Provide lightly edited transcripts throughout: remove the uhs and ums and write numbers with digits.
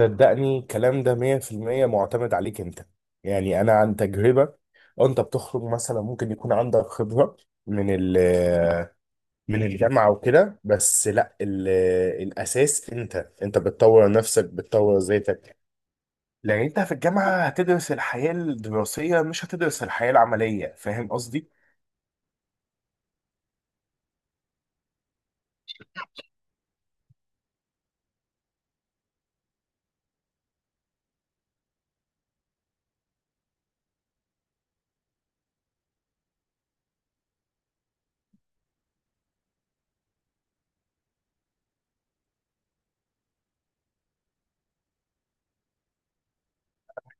صدقني الكلام ده 100% معتمد عليك انت. يعني انا عن تجربة، انت بتخرج مثلا ممكن يكون عندك خبرة من ال من الجامعة وكده، بس لا الاساس انت بتطور نفسك، بتطور ذاتك، لان انت في الجامعة هتدرس الحياة الدراسية، مش هتدرس الحياة العملية. فاهم قصدي؟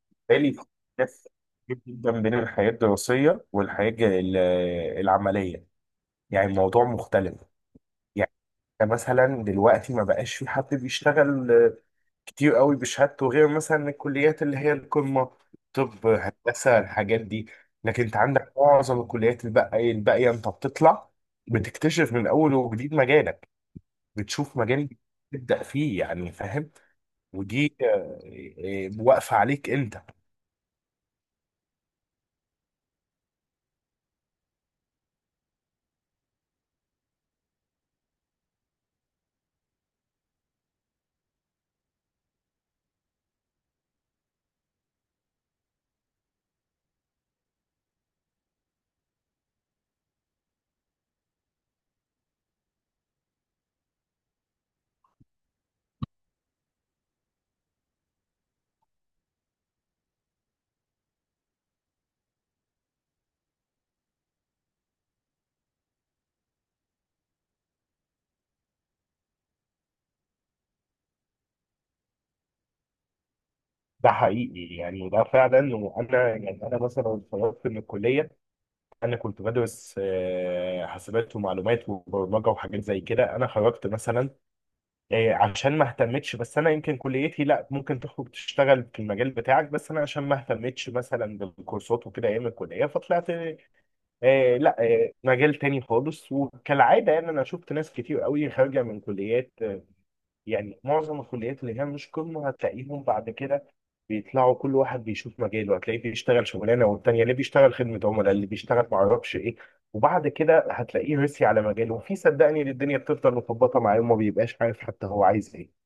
بالتالي في اختلاف كبير جدا بين الحياة الدراسية والحياة العملية. يعني الموضوع مختلف. يعني مثلا دلوقتي ما بقاش في حد بيشتغل كتير قوي بشهادته، غير مثلا الكليات اللي هي القمة، طب، هندسة، الحاجات دي. لكن انت عندك معظم الكليات الباقية، انت بتطلع بتكتشف من اول وجديد مجالك، بتشوف مجال جديد تبدأ فيه. يعني فاهم؟ ودي واقفة عليك انت. ده حقيقي، يعني ده فعلا. وانا يعني انا مثلا اتخرجت من الكلية، انا كنت بدرس حاسبات ومعلومات وبرمجه وحاجات زي كده. انا خرجت مثلا عشان ما اهتمتش. بس انا يمكن كليتي لا، ممكن تخرج تشتغل في المجال بتاعك، بس انا عشان ما اهتمتش مثلا بالكورسات وكده ايام الكليه، فطلعت لا، مجال تاني خالص. وكالعاده يعني انا شفت ناس كتير قوي خارجه من كليات، يعني معظم الكليات اللي هي مش قمة هتلاقيهم بعد كده بيطلعوا، كل واحد بيشوف مجاله، هتلاقيه بيشتغل شغلانه والتانيه اللي بيشتغل خدمه عملاء، اللي بيشتغل ما اعرفش ايه. وبعد كده هتلاقيه رسي على مجاله، وفي صدقني إن الدنيا بتفضل مخبطه معاه، وما بيبقاش عارف حتى هو عايز ايه.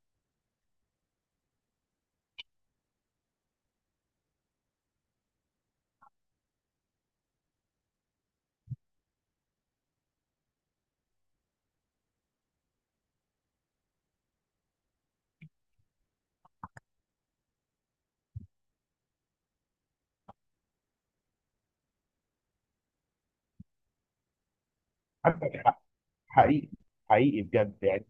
عندك حق، حقيقي، حقيقي بجد يعني.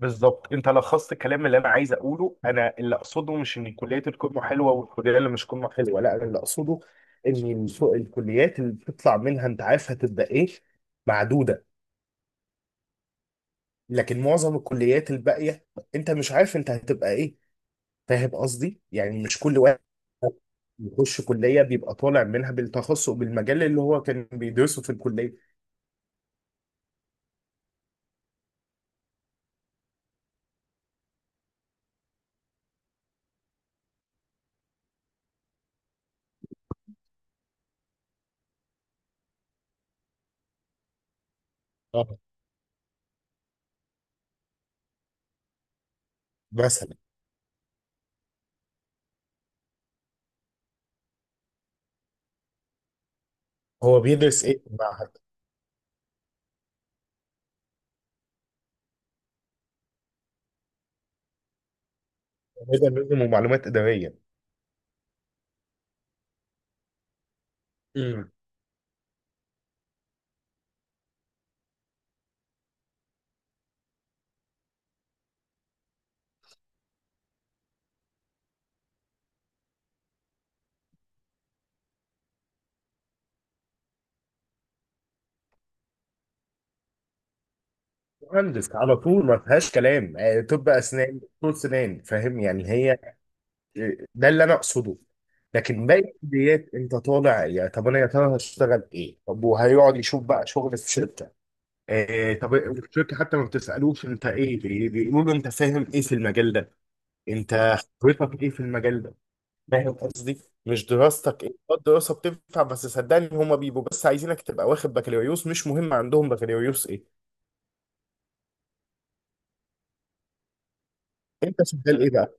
بالظبط، انت لخصت الكلام اللي انا عايز اقوله. انا اللي اقصده مش ان كليات القمه حلوه والكليه اللي مش قمه حلوه، لا انا اللي اقصده ان الكليات اللي بتطلع منها انت عارف هتبقى ايه، معدوده. لكن معظم الكليات الباقيه انت مش عارف انت هتبقى ايه. فاهم قصدي؟ يعني مش كل واحد يخش كليه بيبقى طالع منها بالتخصص بالمجال اللي هو كان بيدرسه في الكليه. اه، مثلا. هو بيدرس ايه في المعهد؟ هو بيدرس نظم ومعلومات اداريه. مهندس على طول، ما فيهاش كلام. طب اسنان دكتور سنان. فاهم يعني؟ هي ده اللي انا اقصده. لكن باقي الكليات انت طالع، يا طب انا يا ترى هشتغل ايه؟ طب وهيقعد يشوف بقى شغل في شركه. آه، طب الشركه حتى ما بتسالوش انت ايه، بيقولوا له انت فاهم ايه في المجال ده. انت خبرتك ايه في المجال ده؟ فاهم قصدي؟ مش دراستك ايه، الدراسه بتنفع، بس صدقني هما بيبقوا بس عايزينك تبقى واخد بكالوريوس، مش مهم عندهم بكالوريوس ايه. انت شغال ايه بقى؟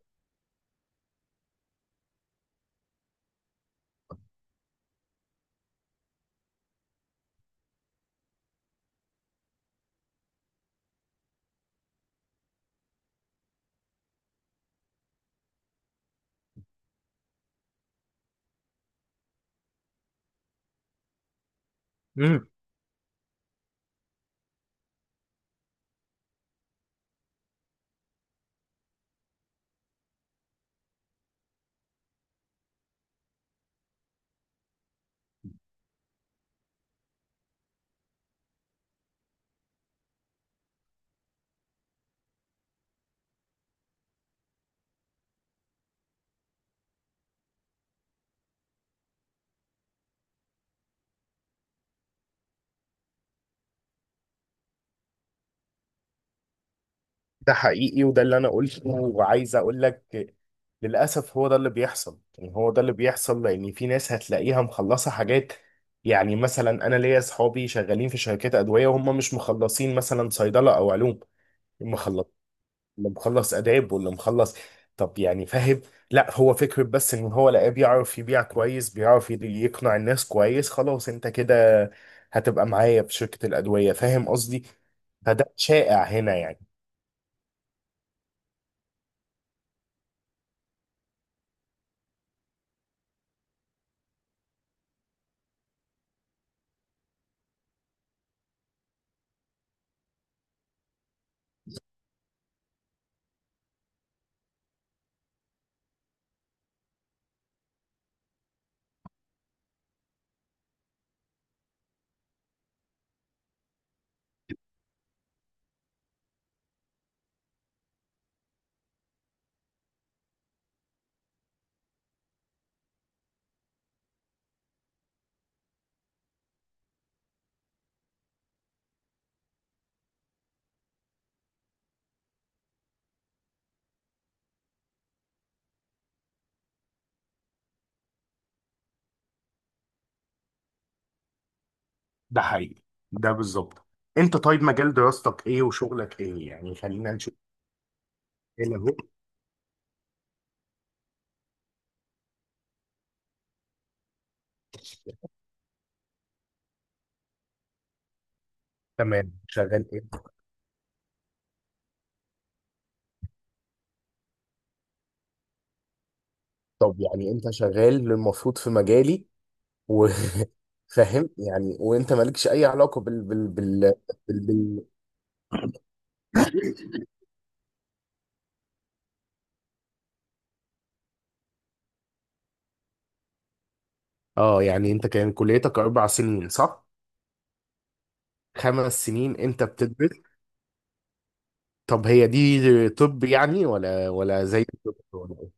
ده حقيقي، وده اللي انا قلته وعايز اقول لك. للاسف هو ده اللي بيحصل. يعني هو ده اللي بيحصل لان في ناس هتلاقيها مخلصه حاجات، يعني مثلا انا ليا اصحابي شغالين في شركات ادويه وهم مش مخلصين مثلا صيدله او علوم. مخلص، اللي مخلص اداب، واللي مخلص طب يعني، فاهم؟ لا هو فكره بس ان هو لقاه بيعرف يبيع كويس، بيعرف يقنع الناس كويس، خلاص انت كده هتبقى معايا في شركه الادويه. فاهم قصدي؟ فده شائع هنا يعني. ده حقيقي، ده بالظبط. انت طيب مجال دراستك ايه وشغلك ايه؟ يعني خلينا نشوف. ايه اللي هو؟ تمام. شغال ايه؟ طب يعني انت شغال المفروض في مجالي وفاهم. يعني وانت مالكش اي علاقه بال بال بال, بال, بال... اه يعني انت كان كليتك 4 سنين، صح؟ 5 سنين انت بتدرس؟ طب هي دي طب يعني؟ ولا زي الطب ولا ايه؟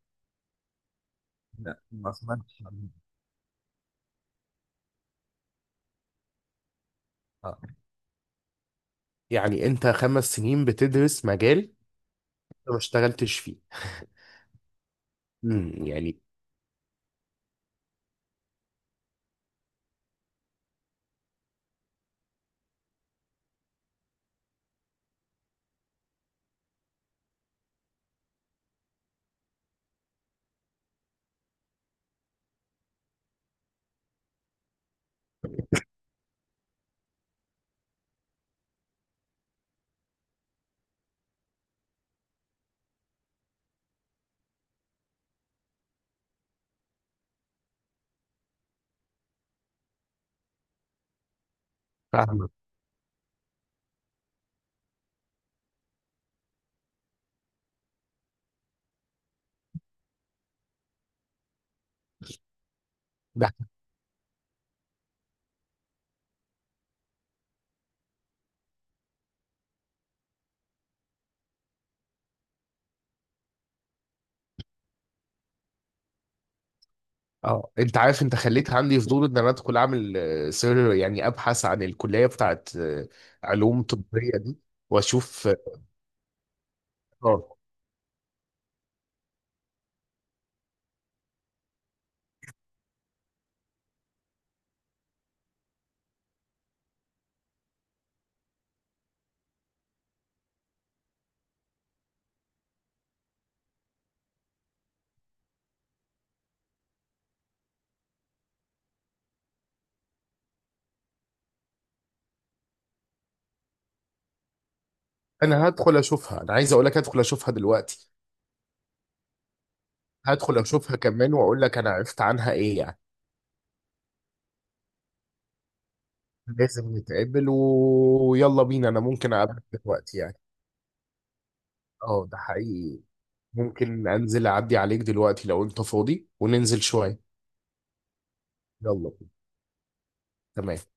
لا، ما اسمعش عنه. آه. يعني انت 5 سنين بتدرس مجال انت ما اشتغلتش فيه. امم، يعني فاهمك ده. اه، انت عارف انت خليت عندي فضول ان انا ادخل اعمل سير، يعني ابحث عن الكليه بتاعت علوم طبيه دي، واشوف. اه، انا هدخل اشوفها، انا عايز اقول لك هدخل اشوفها دلوقتي. هدخل اشوفها كمان واقول لك انا عرفت عنها ايه يعني. لازم نتقابل، ويلا بينا. انا ممكن اقابلك دلوقتي يعني. اه ده حقيقي. ممكن انزل اعدي عليك دلوقتي لو انت فاضي وننزل شويه. يلا بينا. تمام